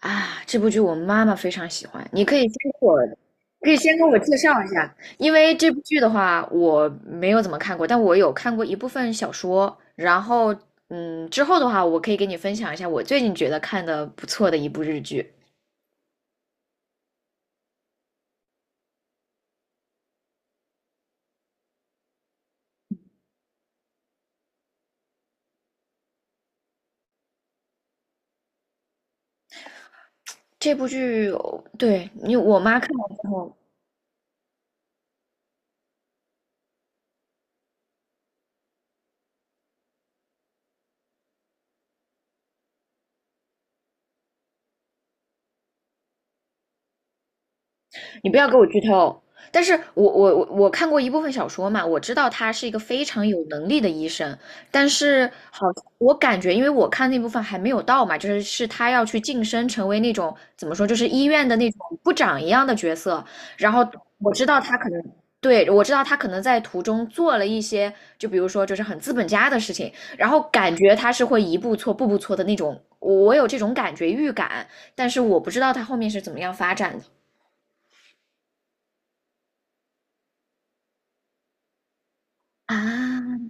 啊，这部剧我妈妈非常喜欢，你可以先给我，可以先给我介绍一下，因为这部剧的话我没有怎么看过，但我有看过一部分小说，然后之后的话我可以给你分享一下我最近觉得看的不错的一部日剧。这部剧，哦对，我妈看完之后，你不要给我剧透。但是我看过一部分小说嘛，我知道他是一个非常有能力的医生，但是好，我感觉因为我看那部分还没有到嘛，就是他要去晋升成为那种怎么说，就是医院的那种部长一样的角色，然后我知道他可能。对，我知道他可能在途中做了一些，就比如说就是很资本家的事情，然后感觉他是会一步错步步错的那种，我有这种感觉预感，但是我不知道他后面是怎么样发展的啊。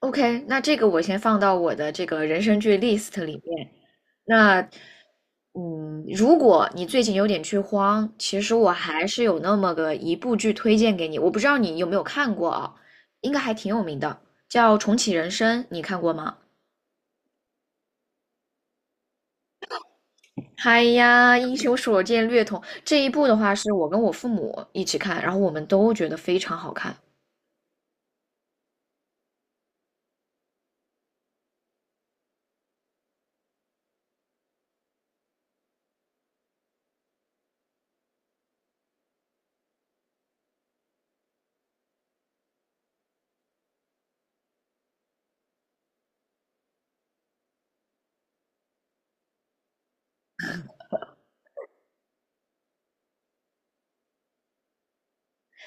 OK,那这个我先放到我的这个人生剧 list 里面。那，如果你最近有点剧荒，其实我还是有那么个一部剧推荐给你，我不知道你有没有看过啊，应该还挺有名的，叫《重启人生》，你看过吗？嗨呀，英雄所见略同。这一部的话，是我跟我父母一起看，然后我们都觉得非常好看。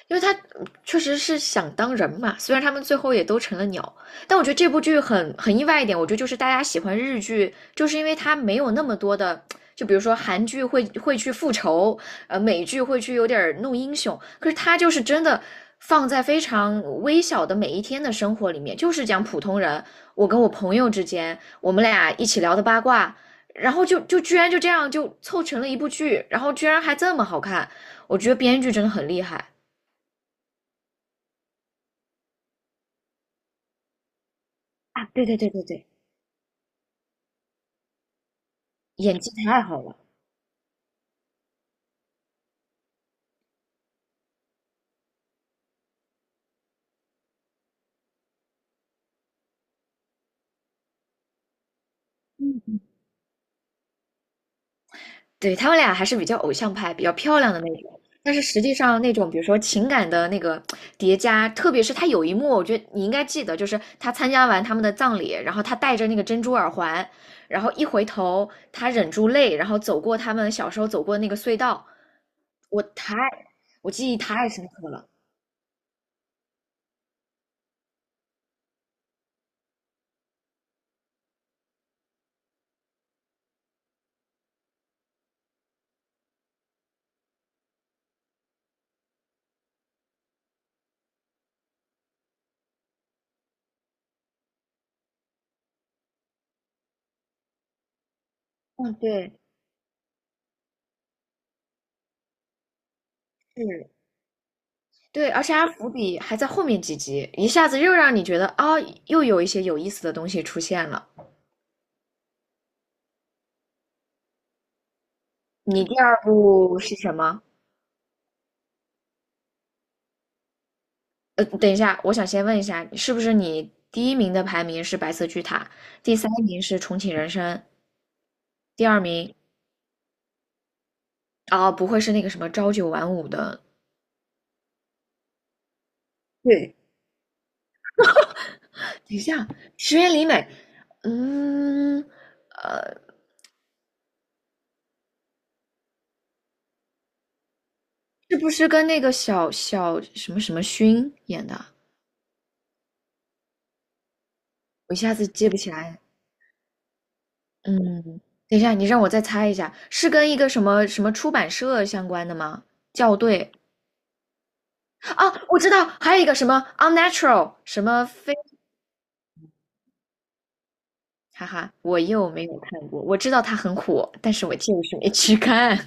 因为他确实是想当人嘛，虽然他们最后也都成了鸟，但我觉得这部剧很意外一点，我觉得就是大家喜欢日剧，就是因为它没有那么多的，就比如说韩剧会去复仇，美剧会去有点弄英雄，可是它就是真的放在非常微小的每一天的生活里面，就是讲普通人，我跟我朋友之间，我们俩一起聊的八卦。然后就居然就这样就凑成了一部剧，然后居然还这么好看，我觉得编剧真的很厉害。啊，对对对对对，演技太好了。对，他们俩还是比较偶像派、比较漂亮的那种，但是实际上那种，比如说情感的那个叠加，特别是他有一幕，我觉得你应该记得，就是他参加完他们的葬礼，然后他戴着那个珍珠耳环，然后一回头，他忍住泪，然后走过他们小时候走过的那个隧道，我太，我记忆太深刻了。嗯，对，是，对，而且他伏笔还在后面几集，一下子又让你觉得啊、又有一些有意思的东西出现了。你第二部是什么？等一下，我想先问一下，是不是你第一名的排名是《白色巨塔》，第三名是《重启人生》，第二名啊，不会是那个什么朝九晚五的？对，等一下，石原里美，嗯，呃，是不是跟那个小小什么什么勋演的？我一下子记不起来。嗯，等一下，你让我再猜一下，是跟一个什么什么出版社相关的吗？校对，啊，我知道，还有一个什么 unnatural,什么非，哈哈，我又没有看过。我知道它很火，但是我就是没去看。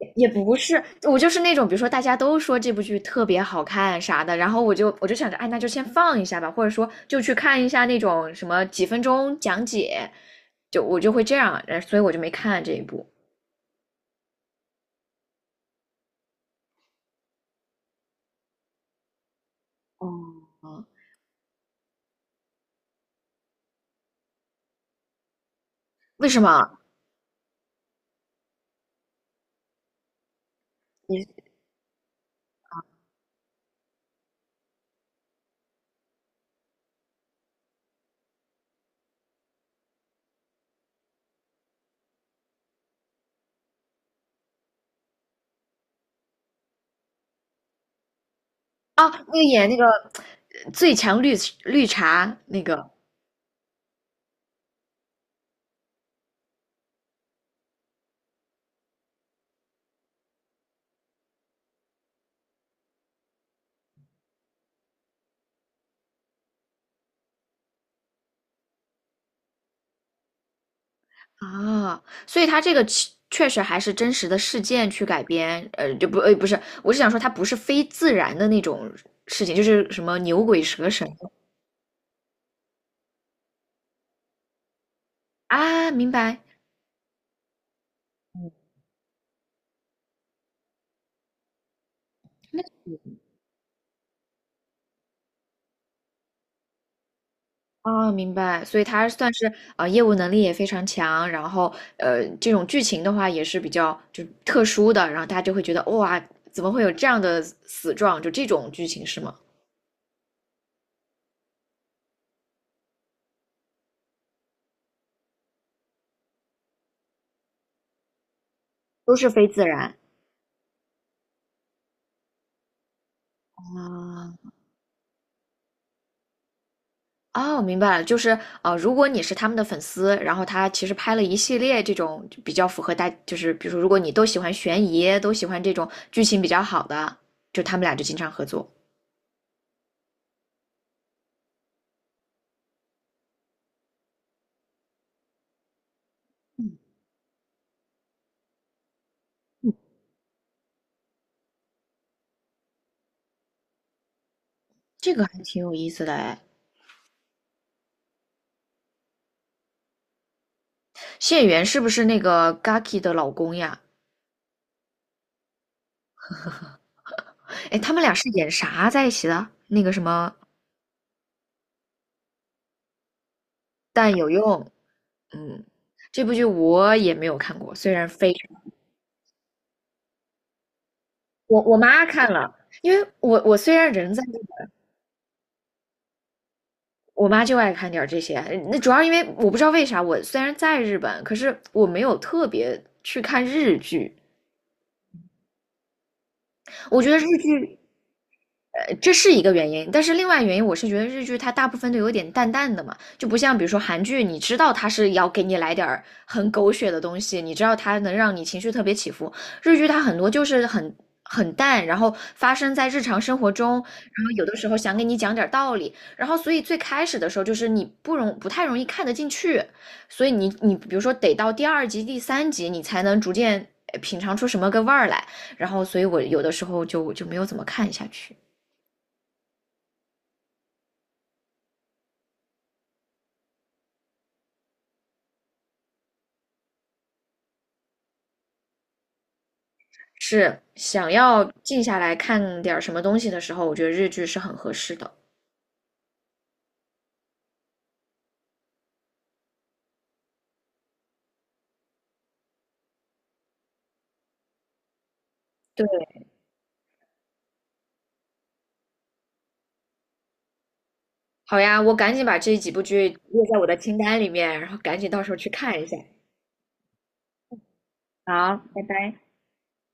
也不是，我就是那种，比如说大家都说这部剧特别好看啥的，然后我就想着，哎，那就先放一下吧，或者说就去看一下那种什么几分钟讲解，就我就会这样，所以我就没看这一部。哦，为什么？你啊，那个演那个最强绿茶那个啊，所以它这个其确实还是真实的事件去改编，呃，就不，呃，不是，我是想说它不是非自然的那种事情，就是什么牛鬼蛇神啊，明白，啊，明白，所以它算是啊、业务能力也非常强，然后这种剧情的话也是比较就是特殊的，然后大家就会觉得哇，怎么会有这样的死状？就这种剧情是吗？都是非自然啊，哦，明白了，就是啊，如果你是他们的粉丝，然后他其实拍了一系列这种就比较符合大，就是比如说，如果你都喜欢悬疑，都喜欢这种剧情比较好的，就他们俩就经常合作，这个还挺有意思的哎。谢元是不是那个 Gaki 的老公呀？哎，他们俩是演啥在一起的？那个什么，但有用，嗯，这部剧我也没有看过，虽然非常，我妈看了，因为我虽然人在日，我妈就爱看点这些，那主要因为我不知道为啥，我虽然在日本，可是我没有特别去看日剧。我觉得日剧这是一个原因，但是另外原因我是觉得日剧它大部分都有点淡淡的嘛，就不像比如说韩剧，你知道它是要给你来点儿很狗血的东西，你知道它能让你情绪特别起伏。日剧它很多就是很淡，然后发生在日常生活中，然后有的时候想给你讲点儿道理，然后所以最开始的时候就是你不太容易看得进去，所以你比如说得到第二集、第三集你才能逐渐品尝出什么个味儿来，然后所以我有的时候就没有怎么看下去。是想要静下来看点儿什么东西的时候，我觉得日剧是很合适的。对，好呀，我赶紧把这几部剧列在我的清单里面，然后赶紧到时候去看一下。好，拜拜。